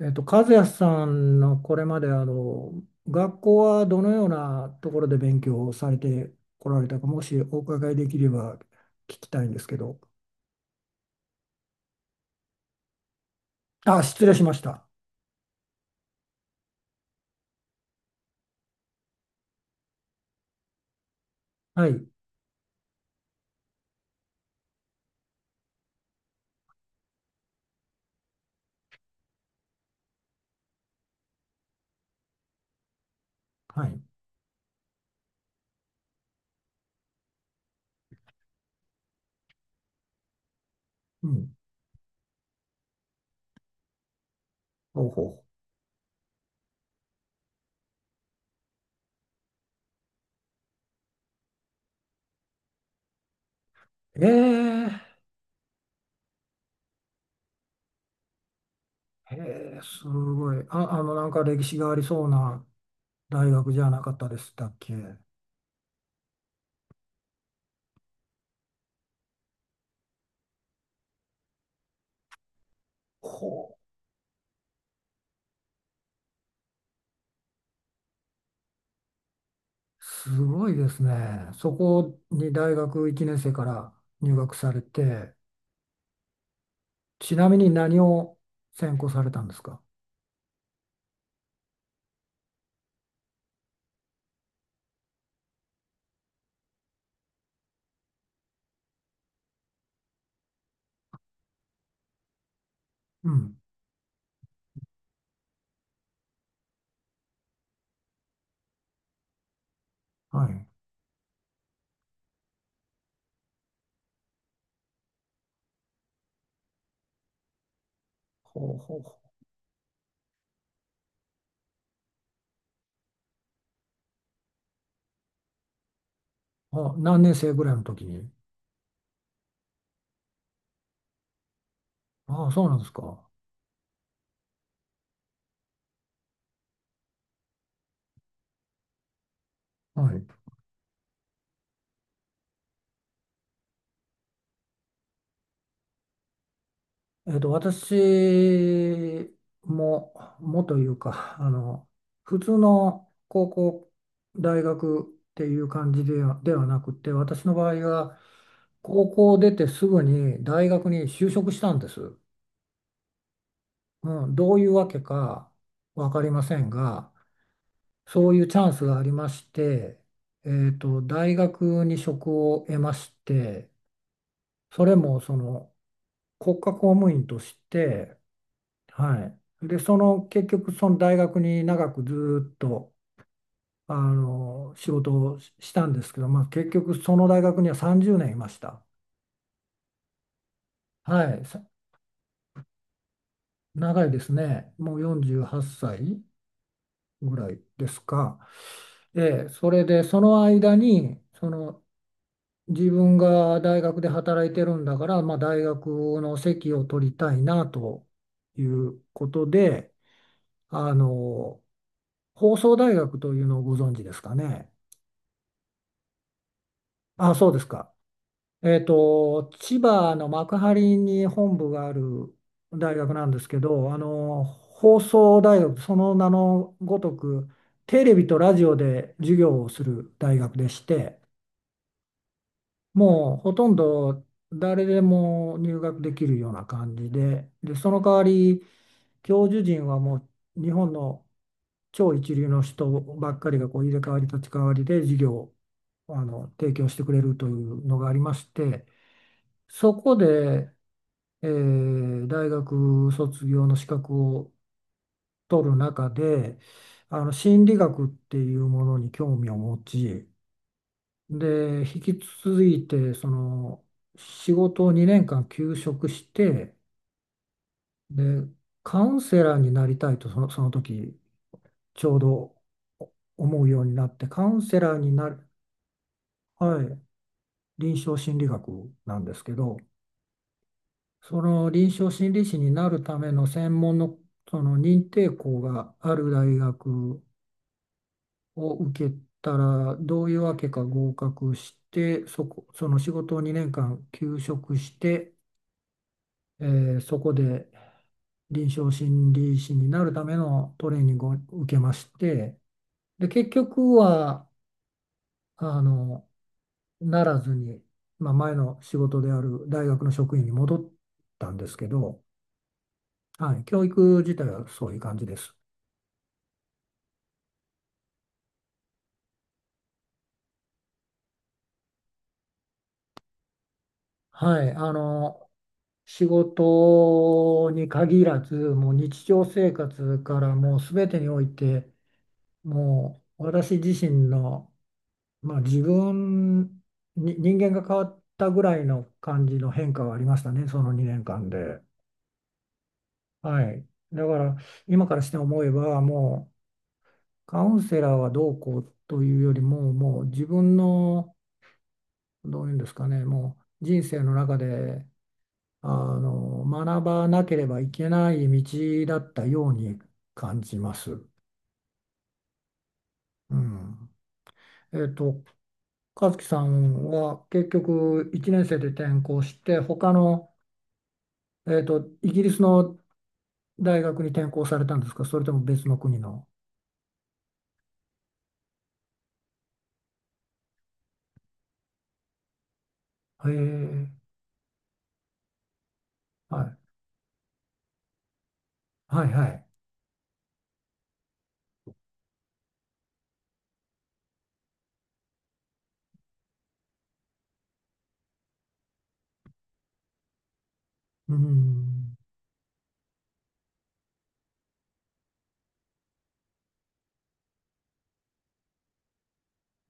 和也さんのこれまで学校はどのようなところで勉強をされてこられたか、もしお伺いできれば聞きたいんですけど。あ、失礼しました。はい、はい。うん、ほうほう。えー、えー、すごい。あ、なんか歴史がありそうな大学じゃなかったでしたっけ。ほう、すごいですね。そこに大学1年生から入学されて、ちなみに何を専攻されたんですか？うん。はい。ほうほうほう。あ、何年生ぐらいの時に。ああ、そうなんですか。はい。私も、もというか、普通の高校、大学っていう感じでは、ではなくて、私の場合は、高校を出てすぐに大学に就職したんです。うん、どういうわけか分かりませんが、そういうチャンスがありまして、大学に職を得まして、それもその国家公務員として、はい。で、その結局その大学に長くずーっと仕事をししたんですけど、まあ、結局その大学には30年いました。はい。さ長いですね。もう48歳ぐらいですか。ええ、それでその間にその自分が大学で働いてるんだから、まあ、大学の席を取りたいなということで、あの、放送大学というのをご存知ですかね。あ、そうですか。千葉の幕張に本部がある大学なんですけど、放送大学、その名のごとく、テレビとラジオで授業をする大学でして、もうほとんど誰でも入学できるような感じで、で、その代わり教授陣はもう日本の超一流の人ばっかりがこう入れ替わり立ち替わりで授業を提供してくれるというのがありまして、そこで、えー大学卒業の資格を取る中で、あの心理学っていうものに興味を持ち、で、引き続いて、その、仕事を2年間休職して、で、カウンセラーになりたいと、その、その時、ちょうどお思うようになって、カウンセラーになる、はい、臨床心理学なんですけど、その臨床心理士になるための専門の、その認定校がある大学を受けたら、どういうわけか合格して、そこ、その仕事を2年間休職して、えーそこで臨床心理士になるためのトレーニングを受けまして、で、結局は、あの、ならずに、まあ、前の仕事である大学の職員に戻ったんですけど、はい、教育自体はそういう感じです。はい、仕事に限らず、もう日常生活からもう全てにおいて、もう私自身のまあ、自分に人間が変わったぐらいの感じの変化はありましたね、その2年間で。はい。だから、今からして思えば、もうカウンセラーはどうこうというよりも、もう自分の、どういうんですかね、もう人生の中で、あ学ばなければいけない道だったように感じます。うん。えっと、和樹さんは結局1年生で転校して、他のイギリスの大学に転校されたんですか、それとも別の国の。へえ、はい、はい、はい。うん、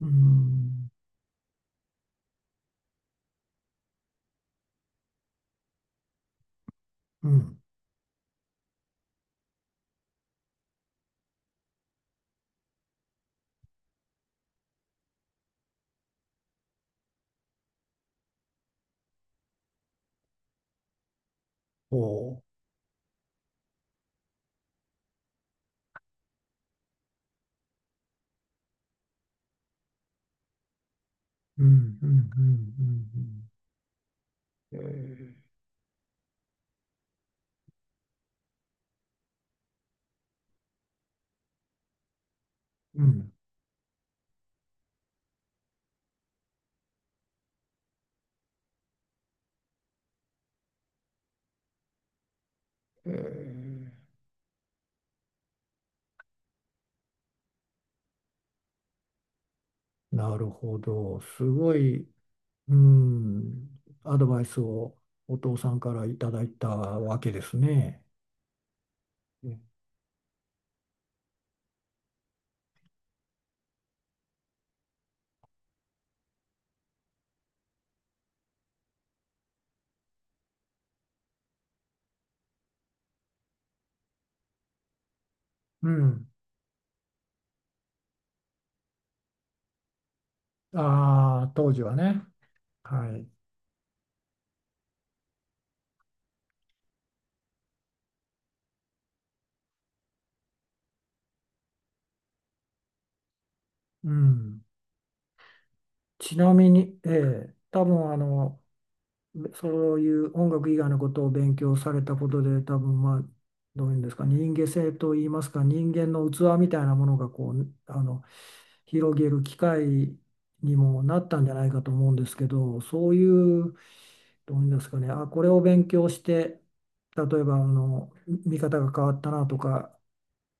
うん、うん、おー、うん、うん、うん、うんうんえーうん。えー、なるほど。すごい、うん、アドバイスをお父さんからいただいたわけですね。うんうん。ああ、当時はね。はい。うん。ちなみに、ええ、多分そういう音楽以外のことを勉強されたことで、多分まあ、どういうんですか、人間性といいますか、人間の器みたいなものがこう、広げる機会にもなったんじゃないかと思うんですけど、そういう、どういうんですかね、あ、これを勉強して、例えば見方が変わったなとか、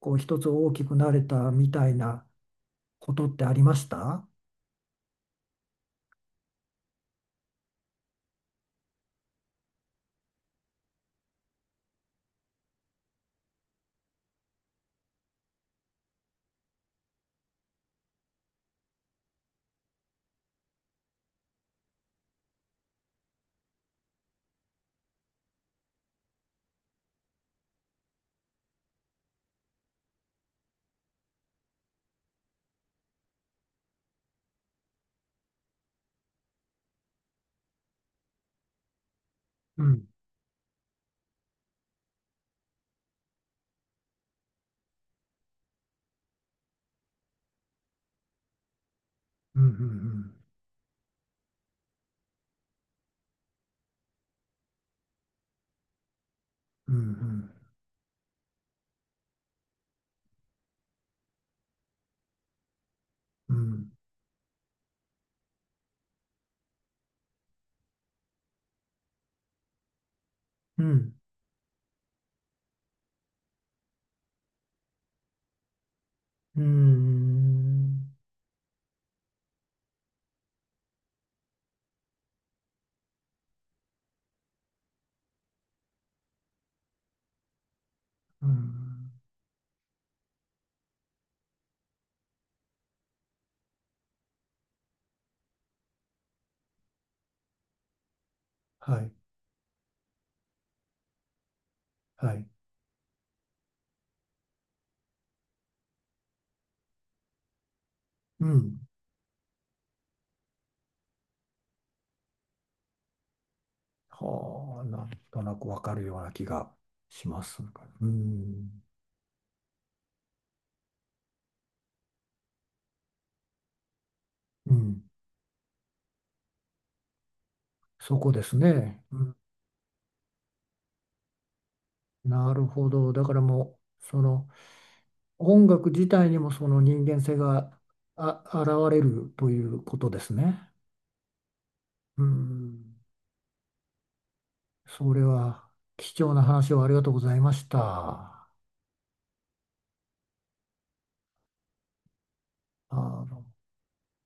こう、一つ大きくなれたみたいなことってありました？うん、うん、うん、うん、うん、うんうん、うん、うーん、うん、はい、はい、うん。はあ、なんとなくわかるような気がします。うん、うん、そこですね。うん、なるほど。だからもう、その音楽自体にもその人間性があ、現れるということですね。うん、それは貴重な話をありがとうございました。あの